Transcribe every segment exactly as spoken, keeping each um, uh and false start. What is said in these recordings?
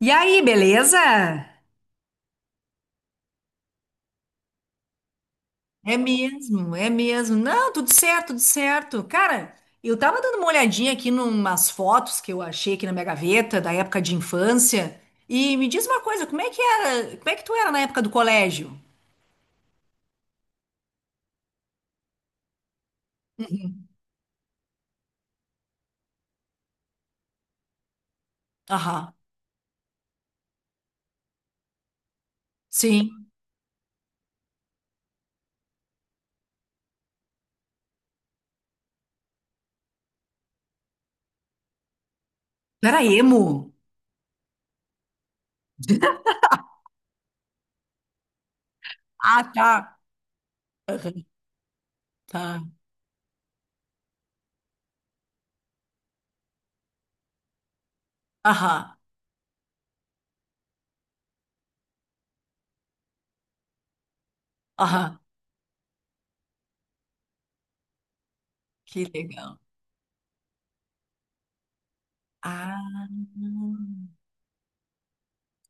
E aí, beleza? É mesmo, é mesmo. Não, tudo certo, tudo certo. Cara, eu tava dando uma olhadinha aqui numas fotos que eu achei aqui na minha gaveta da época de infância. E me diz uma coisa, como é que era, como é que tu era na época do colégio? Aham, sim. Tu era emo? Ah, tá. Aham, tá. Aham, aham. Que legal. Ah,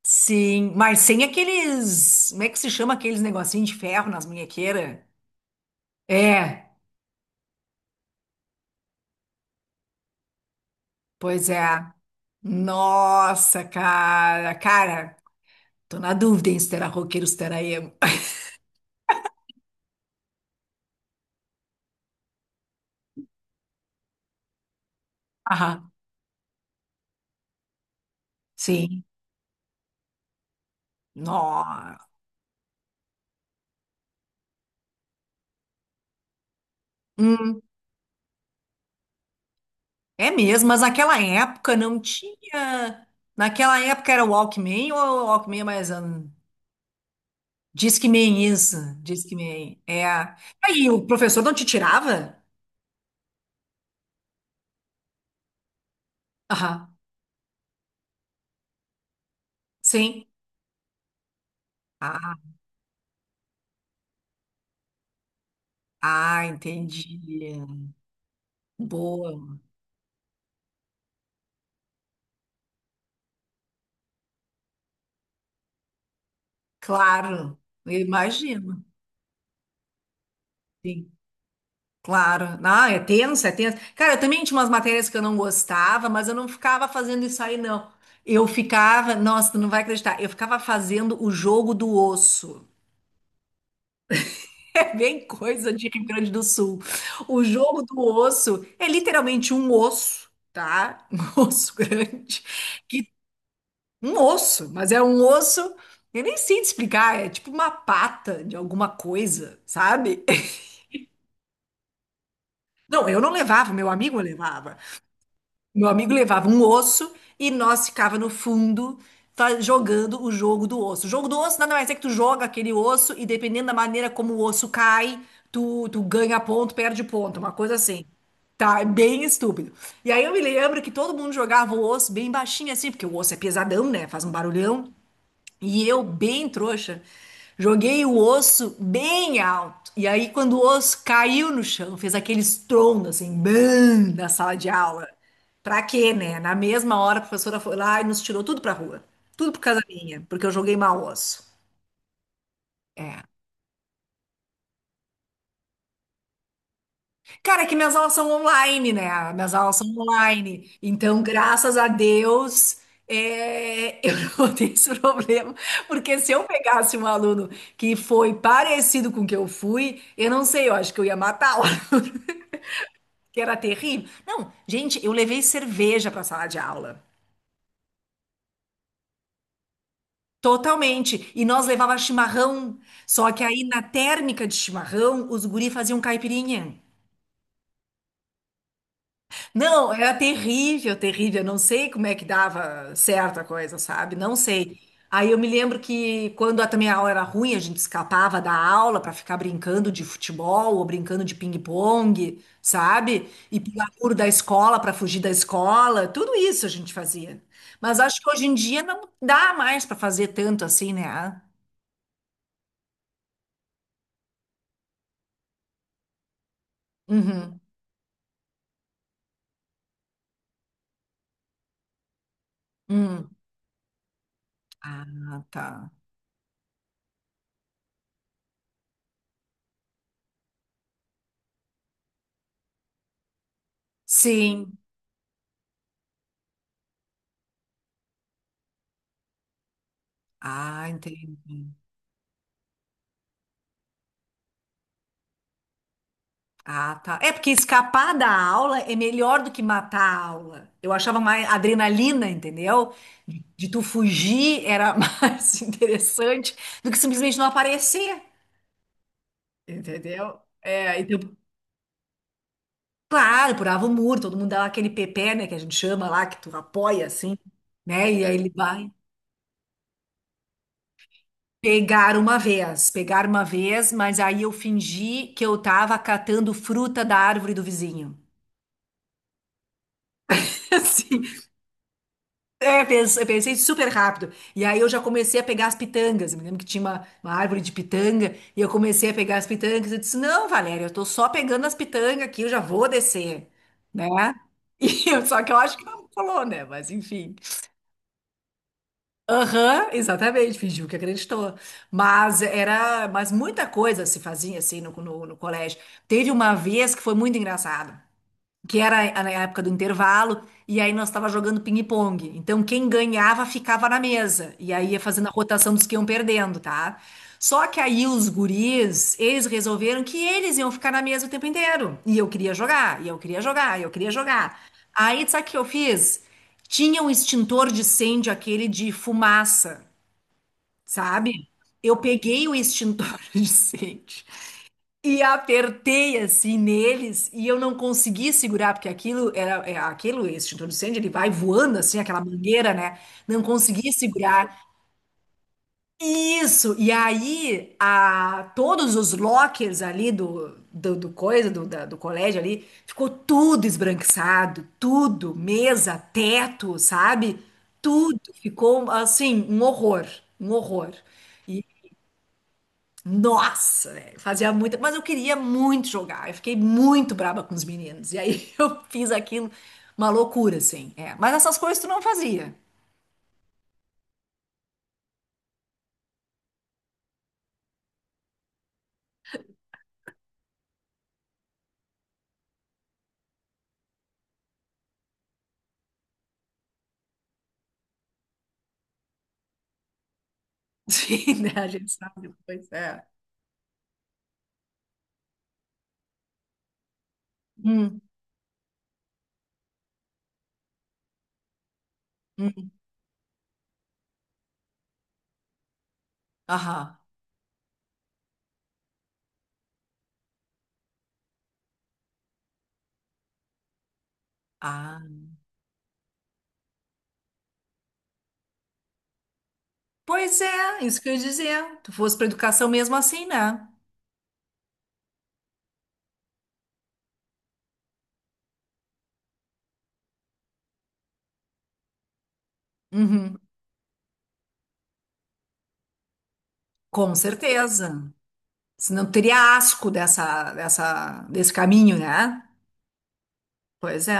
sim. Mas sem aqueles, como é que se chama aqueles negocinhos de ferro nas munhequeiras? É, pois é. Nossa, cara. Cara, tô na dúvida em se terá roqueiro, se terá emo. Aham, sim. Nó. Hum, é mesmo, mas naquela época não tinha. Naquela época era o Walkman ou o Walkman é mais. Hum, Discman, isso. Discman. É. Aí o professor não te tirava? Aham, sim. Ah, ah, entendi. Boa. Claro, eu imagino. Sim. Claro. Ah, é tenso, é tenso. Cara, eu também tinha umas matérias que eu não gostava, mas eu não ficava fazendo isso aí, não. Eu ficava, nossa, tu não vai acreditar, eu ficava fazendo o jogo do osso. É bem coisa de Rio Grande do Sul. O jogo do osso é literalmente um osso, tá? Um osso grande. Que, um osso, mas é um osso. Eu nem sei te explicar, é tipo uma pata de alguma coisa, sabe? Não, eu não levava, meu amigo levava. Meu amigo levava um osso e nós ficava no fundo tá, jogando o jogo do osso. O jogo do osso nada mais é que tu joga aquele osso e dependendo da maneira como o osso cai, tu, tu ganha ponto, perde ponto, uma coisa assim. Tá, é bem estúpido. E aí eu me lembro que todo mundo jogava o osso bem baixinho assim, porque o osso é pesadão, né? Faz um barulhão. E eu, bem trouxa, joguei o osso bem alto. E aí, quando o osso caiu no chão, fez aquele estrondo, assim, bam, na sala de aula. Pra quê, né? Na mesma hora, a professora foi lá e nos tirou tudo pra rua. Tudo por causa minha, porque eu joguei mal o osso. É. Cara, é que minhas aulas são online, né? Minhas aulas são online. Então, graças a Deus, é, eu não tenho esse problema. Porque se eu pegasse um aluno que foi parecido com o que eu fui, eu não sei, eu acho que eu ia matar o aluno, que era terrível. Não, gente, eu levei cerveja para a sala de aula. Totalmente. E nós levava chimarrão. Só que aí, na térmica de chimarrão, os guri faziam caipirinha. Não, era terrível, terrível. Eu não sei como é que dava certa coisa, sabe? Não sei. Aí eu me lembro que quando a- também a aula era ruim, a gente escapava da aula para ficar brincando de futebol ou brincando de ping-pong, sabe? E pular muro da escola para fugir da escola. Tudo isso a gente fazia. Mas acho que hoje em dia não dá mais para fazer tanto assim, né? Ah, uhum. Hum. Ah, tá. Sim. Ah, entendi. Ah, tá. É porque escapar da aula é melhor do que matar a aula. Eu achava mais adrenalina, entendeu? De, de tu fugir era mais interessante do que simplesmente não aparecer, entendeu? É, então, claro, pulava o muro, todo mundo dava aquele pepé, né, que a gente chama lá, que tu apoia assim, né? E aí ele vai. Pegar uma vez, pegar uma vez, mas aí eu fingi que eu tava catando fruta da árvore do vizinho. assim. É, pens- eu pensei super rápido. E aí eu já comecei a pegar as pitangas. Eu me lembro que tinha uma, uma árvore de pitanga e eu comecei a pegar as pitangas. Eu disse: Não, Valéria, eu tô só pegando as pitangas aqui, eu já vou descer, né? E eu- só que eu acho que ela não falou, né? Mas enfim. Aham, exatamente, fingiu que acreditou. Mas era, mas muita coisa se fazia assim no, no, no colégio. Teve uma vez que foi muito engraçado que era a a época do intervalo, e aí nós estava jogando ping-pong. Então, quem ganhava ficava na mesa, e aí ia fazendo a rotação dos que iam perdendo, tá? Só que aí os guris, eles resolveram que eles iam ficar na mesa o tempo inteiro. E eu queria jogar, e eu queria jogar, e eu queria jogar. Aí, sabe o que eu fiz? Tinha um extintor de incêndio, aquele de fumaça, sabe? Eu peguei o extintor de incêndio e apertei assim neles e eu não consegui segurar, porque aquilo era é, aquilo, esse extintor de incêndio, ele vai voando assim, aquela mangueira, né? Não consegui segurar. Isso! E aí, a, todos os lockers ali do, do, do coisa, do, da- do colégio ali, ficou tudo esbranquiçado, tudo, mesa, teto, sabe? Tudo ficou assim, um horror, um horror. Nossa, velho, fazia muito, mas eu queria muito jogar. Eu fiquei muito braba com os meninos. E aí eu fiz aquilo, uma loucura, assim. É. Mas essas coisas tu não fazia. Sim, né? A gente sabe depois. É. Hum, hum. Aham. Ah. Pois é, isso que eu ia dizer. Tu fosse pra educação mesmo assim, né? Uhum. Com certeza. Senão tu teria asco dessa, dessa, desse caminho, né? Pois é,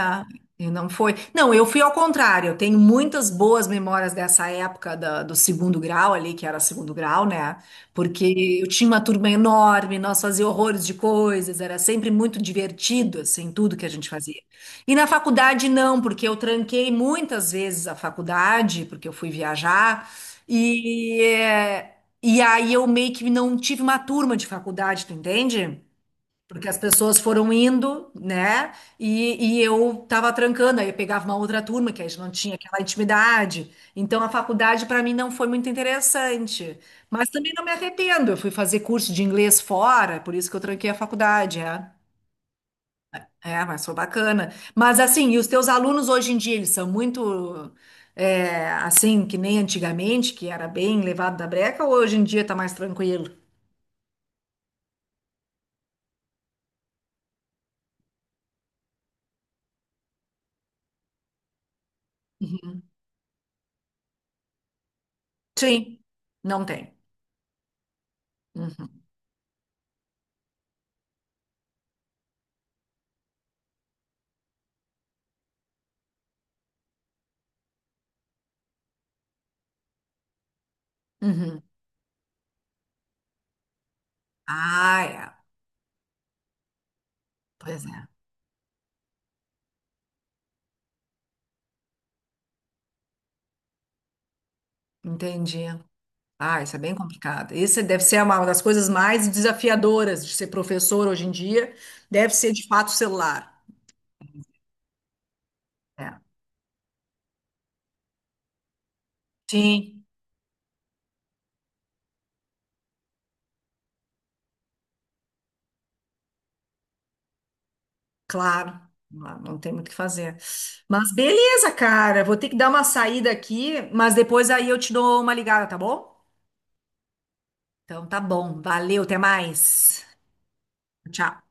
e não foi. Não, eu fui ao contrário. Eu tenho muitas boas memórias dessa época da- do segundo grau ali, que era segundo grau, né? Porque eu tinha uma turma enorme, nós fazíamos horrores de coisas, era sempre muito divertido, assim, tudo que a gente fazia. E na faculdade não, porque eu tranquei muitas vezes a faculdade, porque eu fui viajar, e, é, e aí eu meio que não tive uma turma de faculdade, tu entende? Porque as pessoas foram indo, né? E, e eu tava trancando, aí eu pegava uma outra turma, que a gente não tinha aquela intimidade. Então a faculdade para mim não foi muito interessante. Mas também não me arrependo. Eu fui fazer curso de inglês fora, por isso que eu tranquei a faculdade, é. É, mas foi bacana. Mas assim, e os teus alunos hoje em dia, eles são muito é, assim, que nem antigamente, que era bem levado da breca, ou hoje em dia tá mais tranquilo? Sim, não tem. Uhum. Uhum. Ah, é. Pois é, entendi. Ah, isso é bem complicado. Isso deve ser uma das coisas mais desafiadoras de ser professor hoje em dia. Deve ser de fato o celular. É. Sim, claro. Não, não tem muito o que fazer. Mas beleza, cara. Vou ter que dar uma saída aqui, mas depois aí eu te dou uma ligada, tá bom? Então tá bom. Valeu, até mais. Tchau.